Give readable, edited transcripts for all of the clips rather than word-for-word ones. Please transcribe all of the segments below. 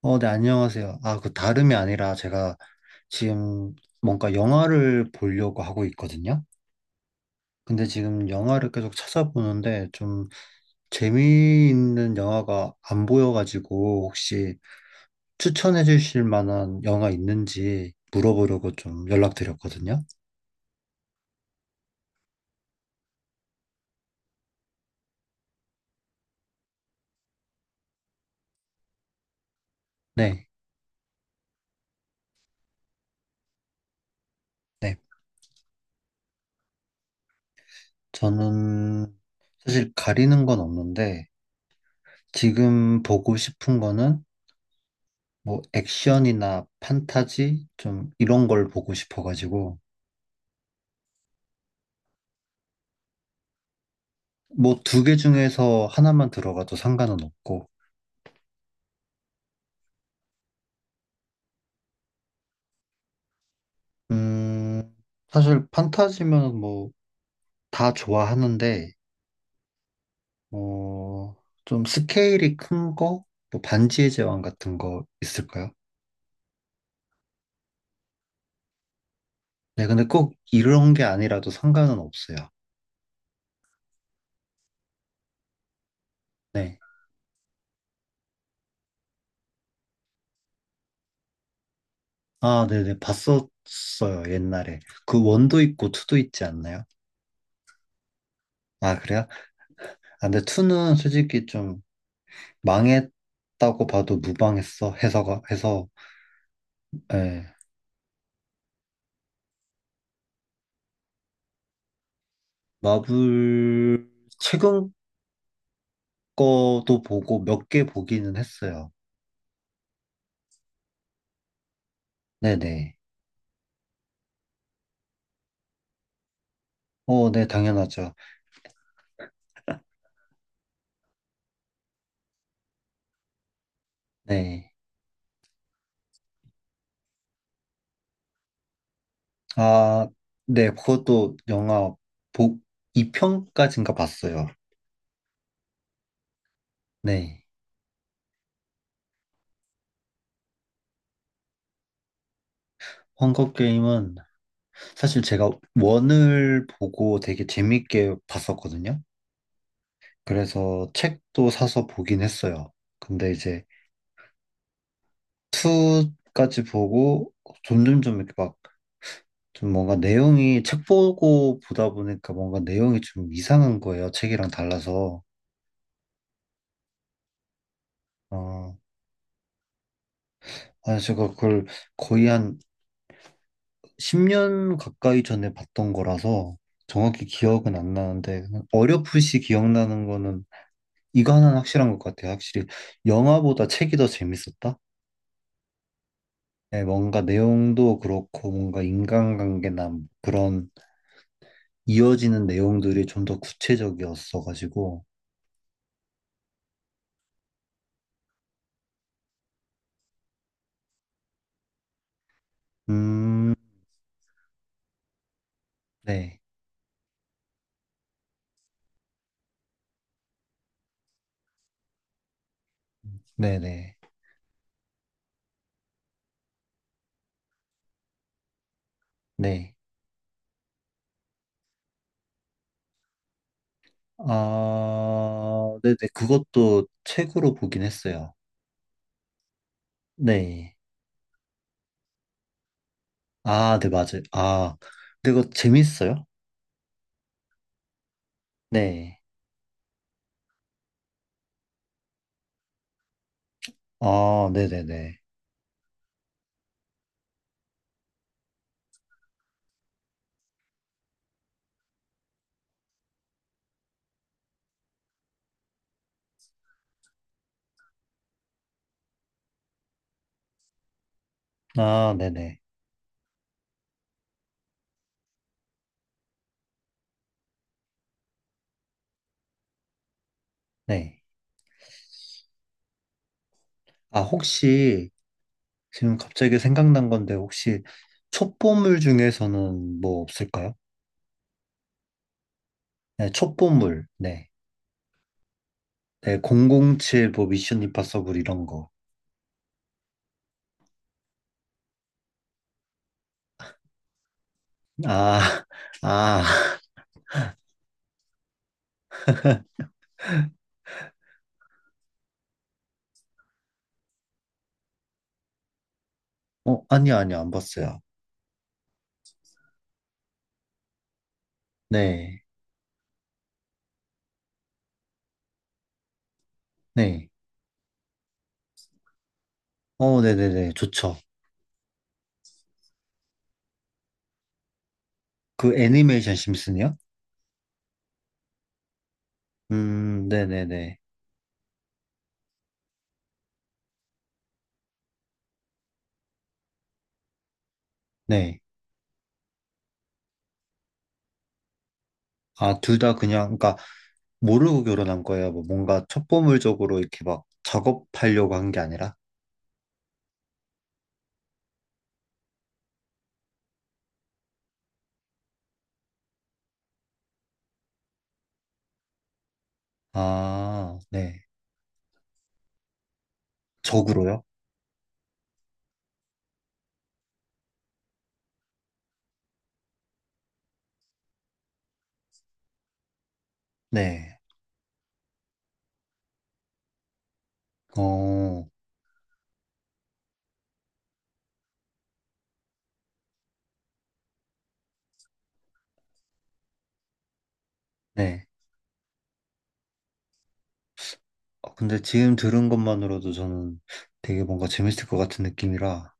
어, 네, 안녕하세요. 아, 그 다름이 아니라 제가 지금 뭔가 영화를 보려고 하고 있거든요. 근데 지금 영화를 계속 찾아보는데 좀 재미있는 영화가 안 보여가지고 혹시 추천해 주실 만한 영화 있는지 물어보려고 좀 연락드렸거든요. 네, 네. 저는 사실 가리는 건 없는데 지금 보고 싶은 거는 뭐 액션이나 판타지 좀 이런 걸 보고 싶어가지고 뭐 두 개 중에서 하나만 들어가도 상관은 없고, 음, 사실 판타지면 뭐 다 좋아하는데, 어, 좀 스케일이 큰 거, 뭐 반지의 제왕 같은 거 있을까요? 네, 근데 꼭 이런 게 아니라도 상관은 없어요. 네. 아, 네네, 봤었어요, 옛날에. 그 원도 있고 투도 있지 않나요? 아, 그래요? 아, 근데 투는 솔직히 좀 망했다고 봐도 무방했어, 해서가, 해서. 예. 마블 최근 거도 보고 몇 개 보기는 했어요. 네네. 어, 네, 당연하죠. 네. 아, 네, 그것도 영화 보, 2편까지인가 봤어요. 네. 헝거 게임은 사실 제가 원을 보고 되게 재밌게 봤었거든요. 그래서 책도 사서 보긴 했어요. 근데 이제 2까지 보고 점점점 이렇게 막 좀 뭔가 내용이 책 보고 보다 보니까 뭔가 내용이 좀 이상한 거예요. 책이랑 달라서. 어, 아, 제가 그걸 거의 한 10년 가까이 전에 봤던 거라서 정확히 기억은 안 나는데 그냥 어렴풋이 기억나는 거는 이거 하나는 확실한 것 같아요. 확실히 영화보다 책이 더 재밌었다? 네, 뭔가 내용도 그렇고 뭔가 인간관계나 그런 이어지는 내용들이 좀 더 구체적이었어가지고 음, 네, 네네, 네. 네. 아, 네네. 그것도 책으로 보긴 했어요. 네. 아, 네, 맞아요. 아, 근데 그거 재밌어요? 네. 아, 네네네. 아, 네네. 네. 아, 혹시 지금 갑자기 생각난 건데, 혹시 첩보물 중에서는 뭐 없을까요? 네, 첩보물. 네. 네, 007, 뭐, 미션 임파서블 이런 거. 아, 아, 어, 아니요, 아니요, 안 봤어요. 네, 네. 어, 네네네. 좋죠. 그 애니메이션 심슨이요? 네네네. 네. 아, 둘 다 그냥, 그러니까 모르고 결혼한 거예요. 뭐 뭔가 첩보물적으로 이렇게 막 작업하려고 한 게 아니라. 아, 네. 적으로요? 네. 어, 네. 근데 지금 들은 것만으로도 저는 되게 뭔가 재밌을 것 같은 느낌이라.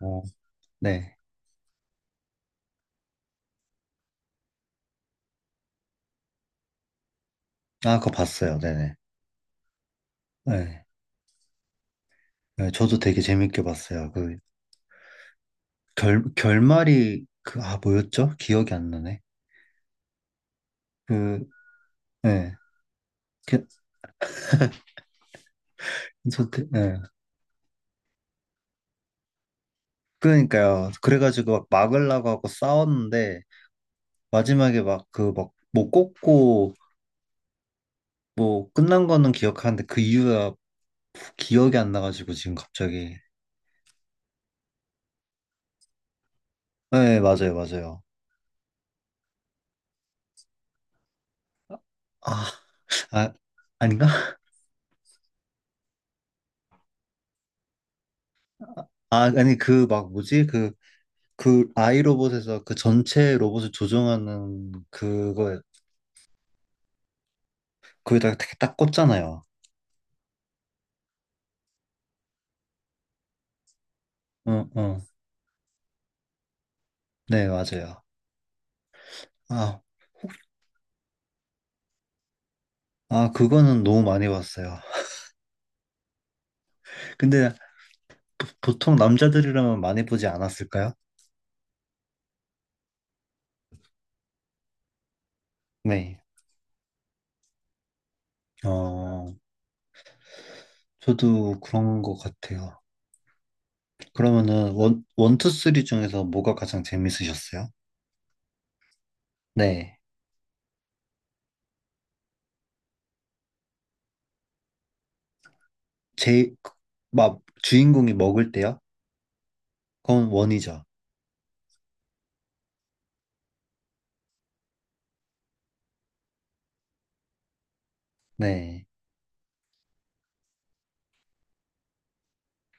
어, 네. 아, 그거 봤어요. 네네. 네. 네, 저도 되게 재밌게 봤어요. 그 결, 결말이 그, 아, 뭐였죠? 기억이 안 나네. 그, 네. 저, 예. 그러니까요. 그래가지고 막 막으려고 하고 싸웠는데, 마지막에 막 그 막 못 꽂고 뭐 끝난 거는 기억하는데 그 이유가 기억이 안 나가지고 지금 갑자기. 네, 맞아요, 맞아요. 아, 아, 아닌가? 아, 아니 그 막 뭐지? 그, 그 아이로봇에서 그 전체 로봇을 조종하는 그거, 거기다가 되게 딱 꽂잖아요. 응, 응. 네, 맞아요. 아, 아, 그거는 너무 많이 봤어요. 근데 보통 남자들이라면 많이 보지 않았을까요? 네. 어, 저도 그런 것 같아요. 그러면은 원, 원, 투, 쓰리 중에서 뭐가 가장 재밌으셨어요? 네. 제, 막 주인공이 먹을 때요? 그건 원이죠. 네.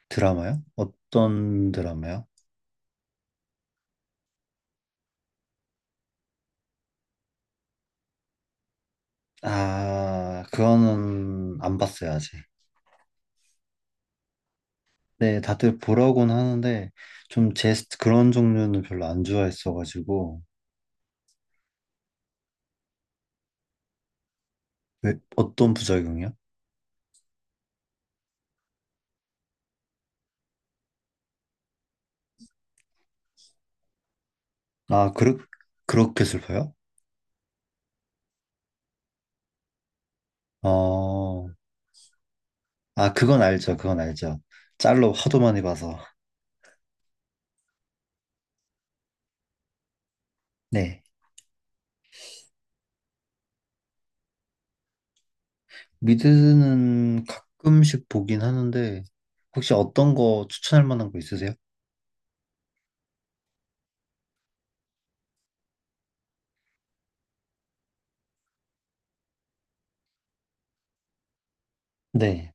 드라마요? 어떤 드라마요? 아, 그거는 안 봤어요, 아직. 네, 다들 보라고는 하는데, 좀 그런 종류는 별로 안 좋아했어가지고, 왜, 어떤 부작용이요? 아, 그렇, 그렇게 슬퍼요? 어, 아, 그건 알죠. 그건 알죠. 짤로 하도 많이 봐서. 네. 미드는 가끔씩 보긴 하는데, 혹시 어떤 거 추천할 만한 거 있으세요? 네.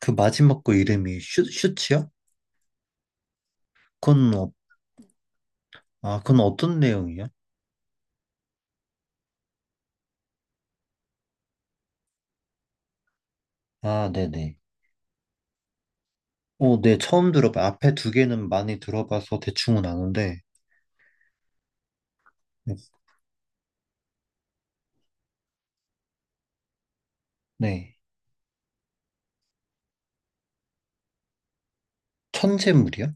그 마지막 거 이름이 슈, 슈츠요? 그건, 아, 그건 어떤 내용이요? 아, 네네. 어, 네. 처음 들어봐. 앞에 두 개는 많이 들어봐서 대충은 아는데, 네. 천재물이요?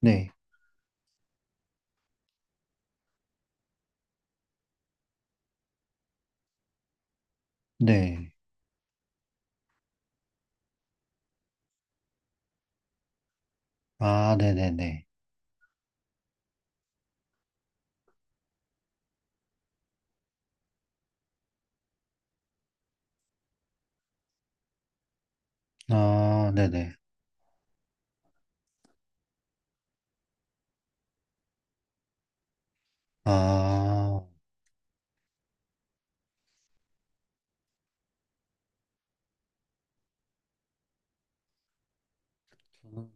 네. 네. 아, 네네네. 아, 네네. 아, 저는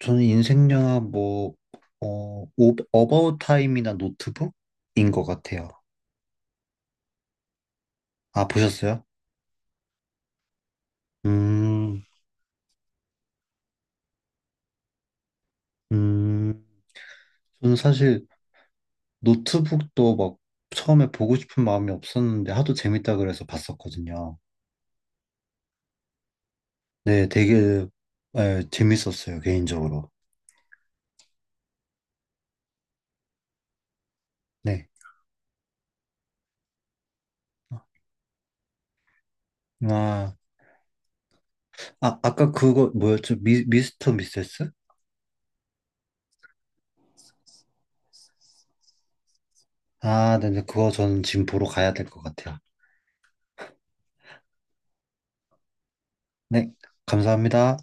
저는 인생 영화 뭐, 어, 오, 어바웃 타임이나 노트북인 것 같아요. 아, 보셨어요? 음, 음, 저는 사실 노트북도 막 처음에 보고 싶은 마음이 없었는데 하도 재밌다 그래서 봤었거든요. 네, 되게 예, 재밌었어요, 개인적으로. 네. 아, 아, 아까 그거 뭐였죠? 미, 미스터 미세스? 아, 네네, 그거 저는 지금 보러 가야 될 것 같아요. 네, 감사합니다.